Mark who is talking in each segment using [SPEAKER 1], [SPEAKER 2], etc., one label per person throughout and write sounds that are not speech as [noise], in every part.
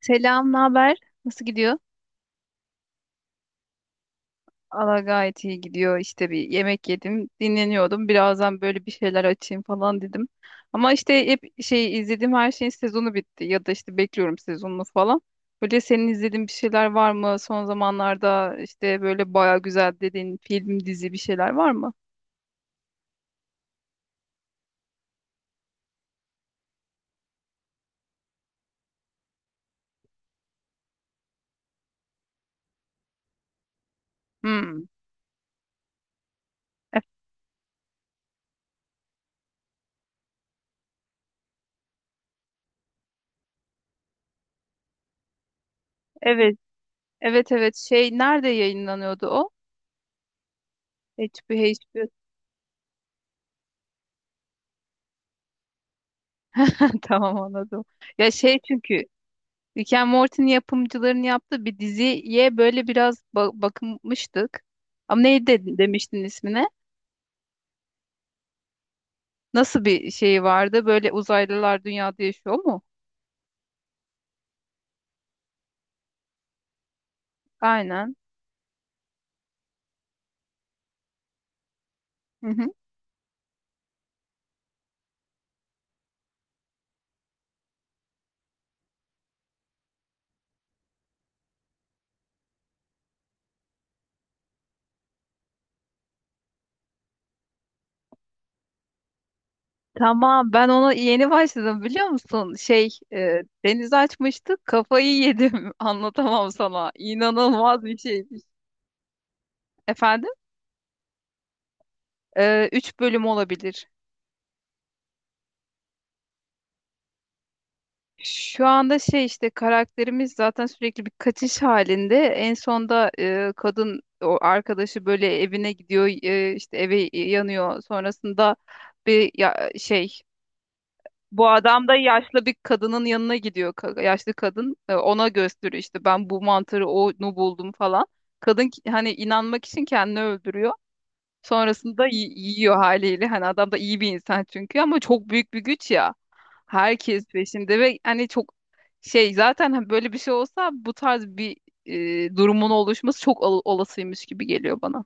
[SPEAKER 1] Selam, ne haber? Nasıl gidiyor? Allah gayet iyi gidiyor. İşte bir yemek yedim, dinleniyordum. Birazdan böyle bir şeyler açayım falan dedim. Ama işte hep şey izlediğim her şeyin sezonu bitti ya da işte bekliyorum sezonunu falan. Böyle senin izlediğin bir şeyler var mı? Son zamanlarda işte böyle baya güzel dediğin film, dizi bir şeyler var mı? Hmm. E- Evet, evet, evet. Şey nerede yayınlanıyordu o? HBO, [laughs] Tamam anladım. Ya şey çünkü Rick and Morty'nin yapımcıların yaptığı bir diziye böyle biraz bakmıştık. Ama neydi demiştin ismine? Nasıl bir şey vardı? Böyle uzaylılar dünyada yaşıyor mu? Aynen. Hı hı. Tamam, ben ona yeni başladım biliyor musun? Şey, deniz açmıştık, kafayı yedim. [laughs] Anlatamam sana. İnanılmaz bir şeymiş. Efendim? Üç bölüm olabilir. Şu anda şey işte karakterimiz zaten sürekli bir kaçış halinde. En sonda kadın o arkadaşı böyle evine gidiyor, işte eve yanıyor. Sonrasında bir şey bu adam da yaşlı bir kadının yanına gidiyor. Yaşlı kadın ona gösteriyor işte ben bu mantarı onu buldum falan. Kadın hani inanmak için kendini öldürüyor. Sonrasında yiyor haliyle. Hani adam da iyi bir insan çünkü, ama çok büyük bir güç ya. Herkes peşinde ve hani çok şey zaten, hani böyle bir şey olsa bu tarz bir durumun oluşması çok olasıymış gibi geliyor bana.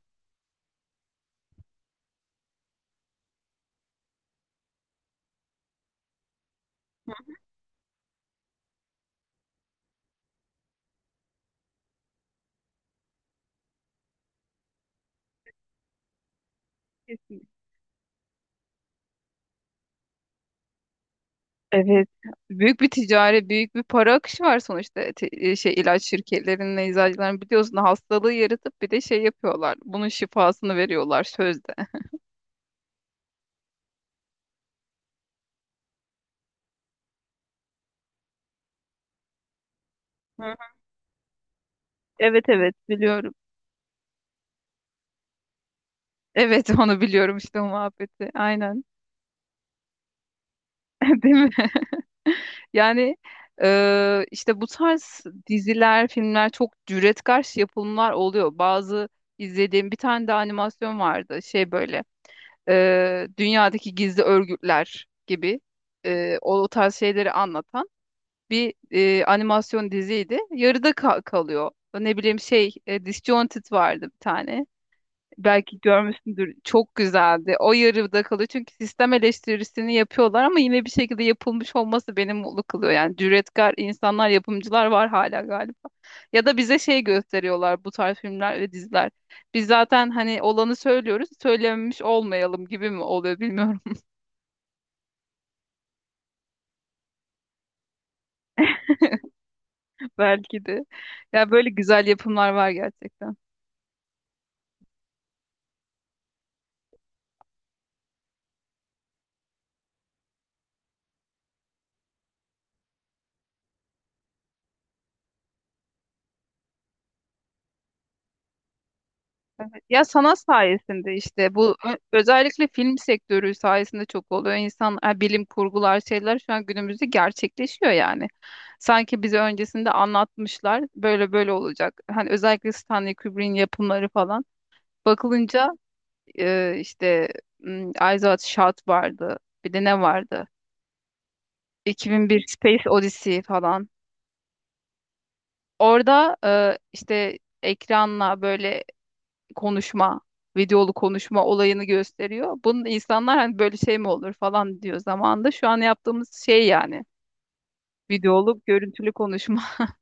[SPEAKER 1] Kesinlikle. Evet. Büyük bir ticari, büyük bir para akışı var sonuçta. Şey ilaç şirketlerinin, eczacıların biliyorsun, hastalığı yaratıp bir de şey yapıyorlar. Bunun şifasını veriyorlar sözde. Hı hı. Evet, evet, biliyorum. Evet, onu biliyorum işte, o muhabbeti. Aynen. [laughs] Değil mi? [laughs] Yani işte bu tarz diziler, filmler çok cüretkar yapımlar oluyor. Bazı izlediğim bir tane de animasyon vardı. Şey böyle dünyadaki gizli örgütler gibi, o tarz şeyleri anlatan bir animasyon diziydi. Yarıda kalıyor. Ne bileyim şey, Disjointed vardı bir tane, belki görmüşsündür, çok güzeldi. O yarıda kalıyor çünkü sistem eleştirisini yapıyorlar, ama yine bir şekilde yapılmış olması beni mutlu kılıyor. Yani cüretkar insanlar, yapımcılar var hala galiba. Ya da bize şey gösteriyorlar bu tarz filmler ve diziler. Biz zaten hani olanı söylüyoruz, söylememiş olmayalım gibi mi oluyor bilmiyorum. [laughs] Belki de. Ya böyle güzel yapımlar var gerçekten. Ya sanat sayesinde işte, bu özellikle film sektörü sayesinde çok oluyor. İnsan bilim kurgular şeyler şu an günümüzde gerçekleşiyor yani. Sanki bize öncesinde anlatmışlar böyle böyle olacak. Hani özellikle Stanley Kubrick'in yapımları falan. Bakılınca işte m, Eyes Wide Shut vardı. Bir de ne vardı? 2001 Space Odyssey falan. Orada işte ekranla böyle konuşma, videolu konuşma olayını gösteriyor. Bunun insanlar hani böyle şey mi olur falan diyor zamanında. Şu an yaptığımız şey yani. Videolu, görüntülü konuşma. [laughs]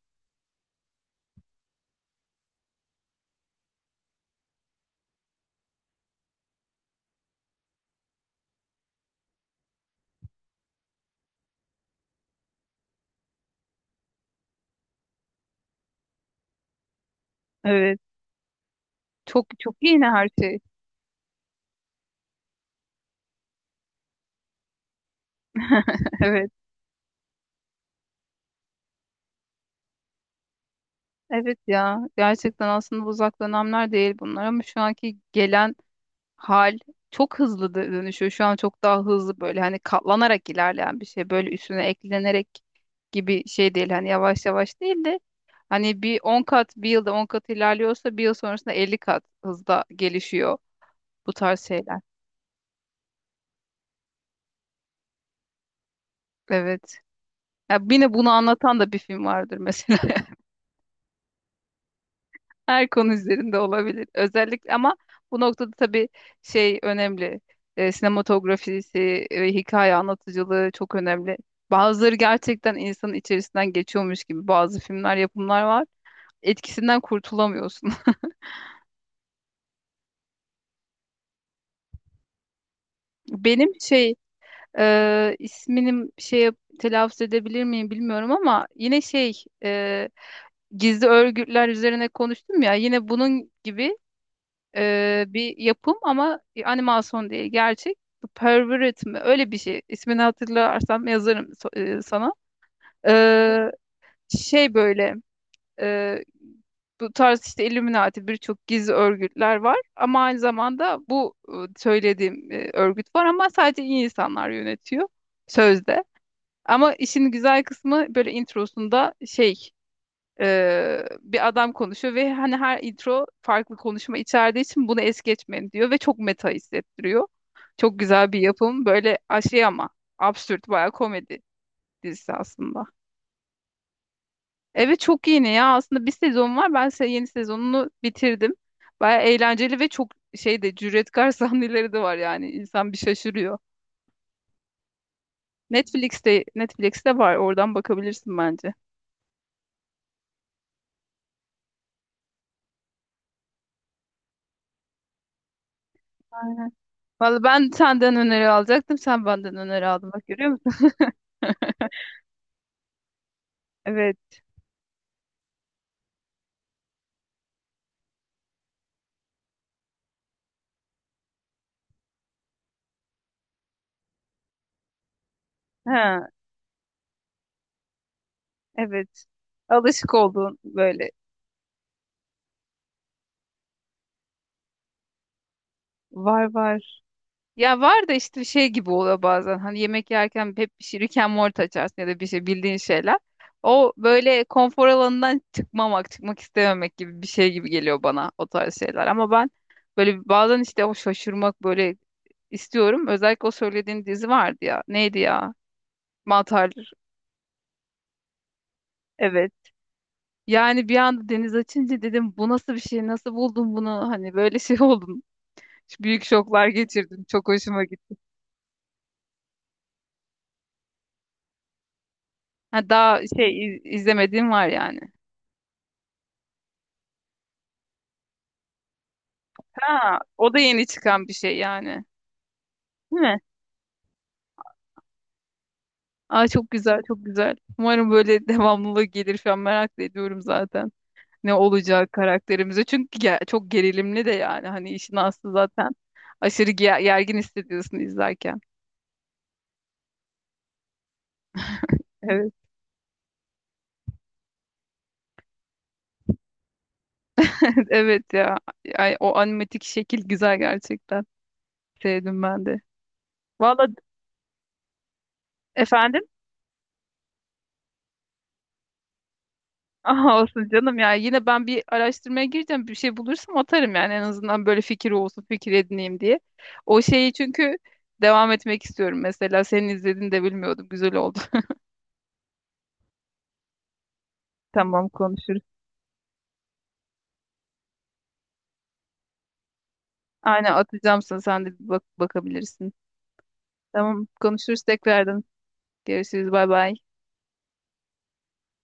[SPEAKER 1] Evet. Çok çok yeni her şey. [laughs] Evet. Evet ya. Gerçekten aslında uzak dönemler değil bunlar, ama şu anki gelen hal çok hızlı dönüşüyor. Şu an çok daha hızlı, böyle hani katlanarak ilerleyen bir şey. Böyle üstüne eklenerek gibi şey değil. Hani yavaş yavaş değil de, hani bir 10 kat, bir yılda 10 kat ilerliyorsa bir yıl sonrasında 50 kat hızda gelişiyor bu tarz şeyler. Evet. Ya yine bunu anlatan da bir film vardır mesela. Her konu üzerinde olabilir. Özellikle ama bu noktada tabii şey önemli. Sinematografisi ve hikaye anlatıcılığı çok önemli. Bazıları gerçekten insanın içerisinden geçiyormuş gibi, bazı filmler, yapımlar var. Etkisinden kurtulamıyorsun. [laughs] Benim şey, isminim şey, telaffuz edebilir miyim bilmiyorum, ama yine şey, gizli örgütler üzerine konuştum ya, yine bunun gibi bir yapım, ama animasyon değil, gerçek. The Pervert mi? Öyle bir şey. İsmini hatırlarsam yazarım sana. E, şey böyle, e, bu tarz işte Illuminati, birçok gizli örgütler var ama aynı zamanda bu söylediğim örgüt var ama sadece iyi insanlar yönetiyor sözde. Ama işin güzel kısmı, böyle introsunda şey, bir adam konuşuyor ve hani her intro farklı konuşma içerdiği için bunu es geçmeyin diyor ve çok meta hissettiriyor. Çok güzel bir yapım. Böyle şey, ama absürt bayağı komedi dizisi aslında. Evet, çok yeni ya. Aslında bir sezon var. Ben yeni sezonunu bitirdim. Bayağı eğlenceli ve çok şey de cüretkar [laughs] sahneleri de var yani. İnsan bir şaşırıyor. Netflix'te var. Oradan bakabilirsin bence. Aynen. Vallahi ben senden öneri alacaktım. Sen benden öneri aldın. Bak, görüyor musun? [laughs] Evet. He. Evet. Alışık olduğun böyle, var var. Ya var da, işte şey gibi oluyor bazen. Hani yemek yerken hep bir şey Rick and Morty açarsın ya da bir şey, bildiğin şeyler. O böyle konfor alanından çıkmamak, çıkmak istememek gibi bir şey gibi geliyor bana o tarz şeyler. Ama ben böyle bazen işte o şaşırmak böyle istiyorum. Özellikle o söylediğin dizi vardı ya. Neydi ya? Mantar. Evet. Yani bir anda deniz açınca dedim bu nasıl bir şey? Nasıl buldun bunu? Hani böyle şey [laughs] oldum. Büyük şoklar geçirdim. Çok hoşuma gitti. Ha, daha şey izlemediğim var yani. Ha, o da yeni çıkan bir şey yani. Değil mi? Aa, çok güzel, çok güzel. Umarım böyle [laughs] devamlılığı gelir falan, merak da ediyorum zaten. Ne olacak karakterimize. Çünkü çok gerilimli de yani. Hani işin aslı zaten. Aşırı gergin hissediyorsun izlerken. Evet. [laughs] Evet ya. Ay, o animatik şekil güzel gerçekten. Sevdim ben de. Valla efendim? Aha olsun canım ya. Yine ben bir araştırmaya gireceğim. Bir şey bulursam atarım yani, en azından böyle fikir olsun, fikir edineyim diye. O şeyi çünkü devam etmek istiyorum. Mesela senin izlediğini de bilmiyordum. Güzel oldu. [laughs] Tamam, konuşuruz. Aynen, atacağım sana. Sen de bir bak, bakabilirsin. Tamam, konuşuruz tekrardan. Görüşürüz. Bay bay.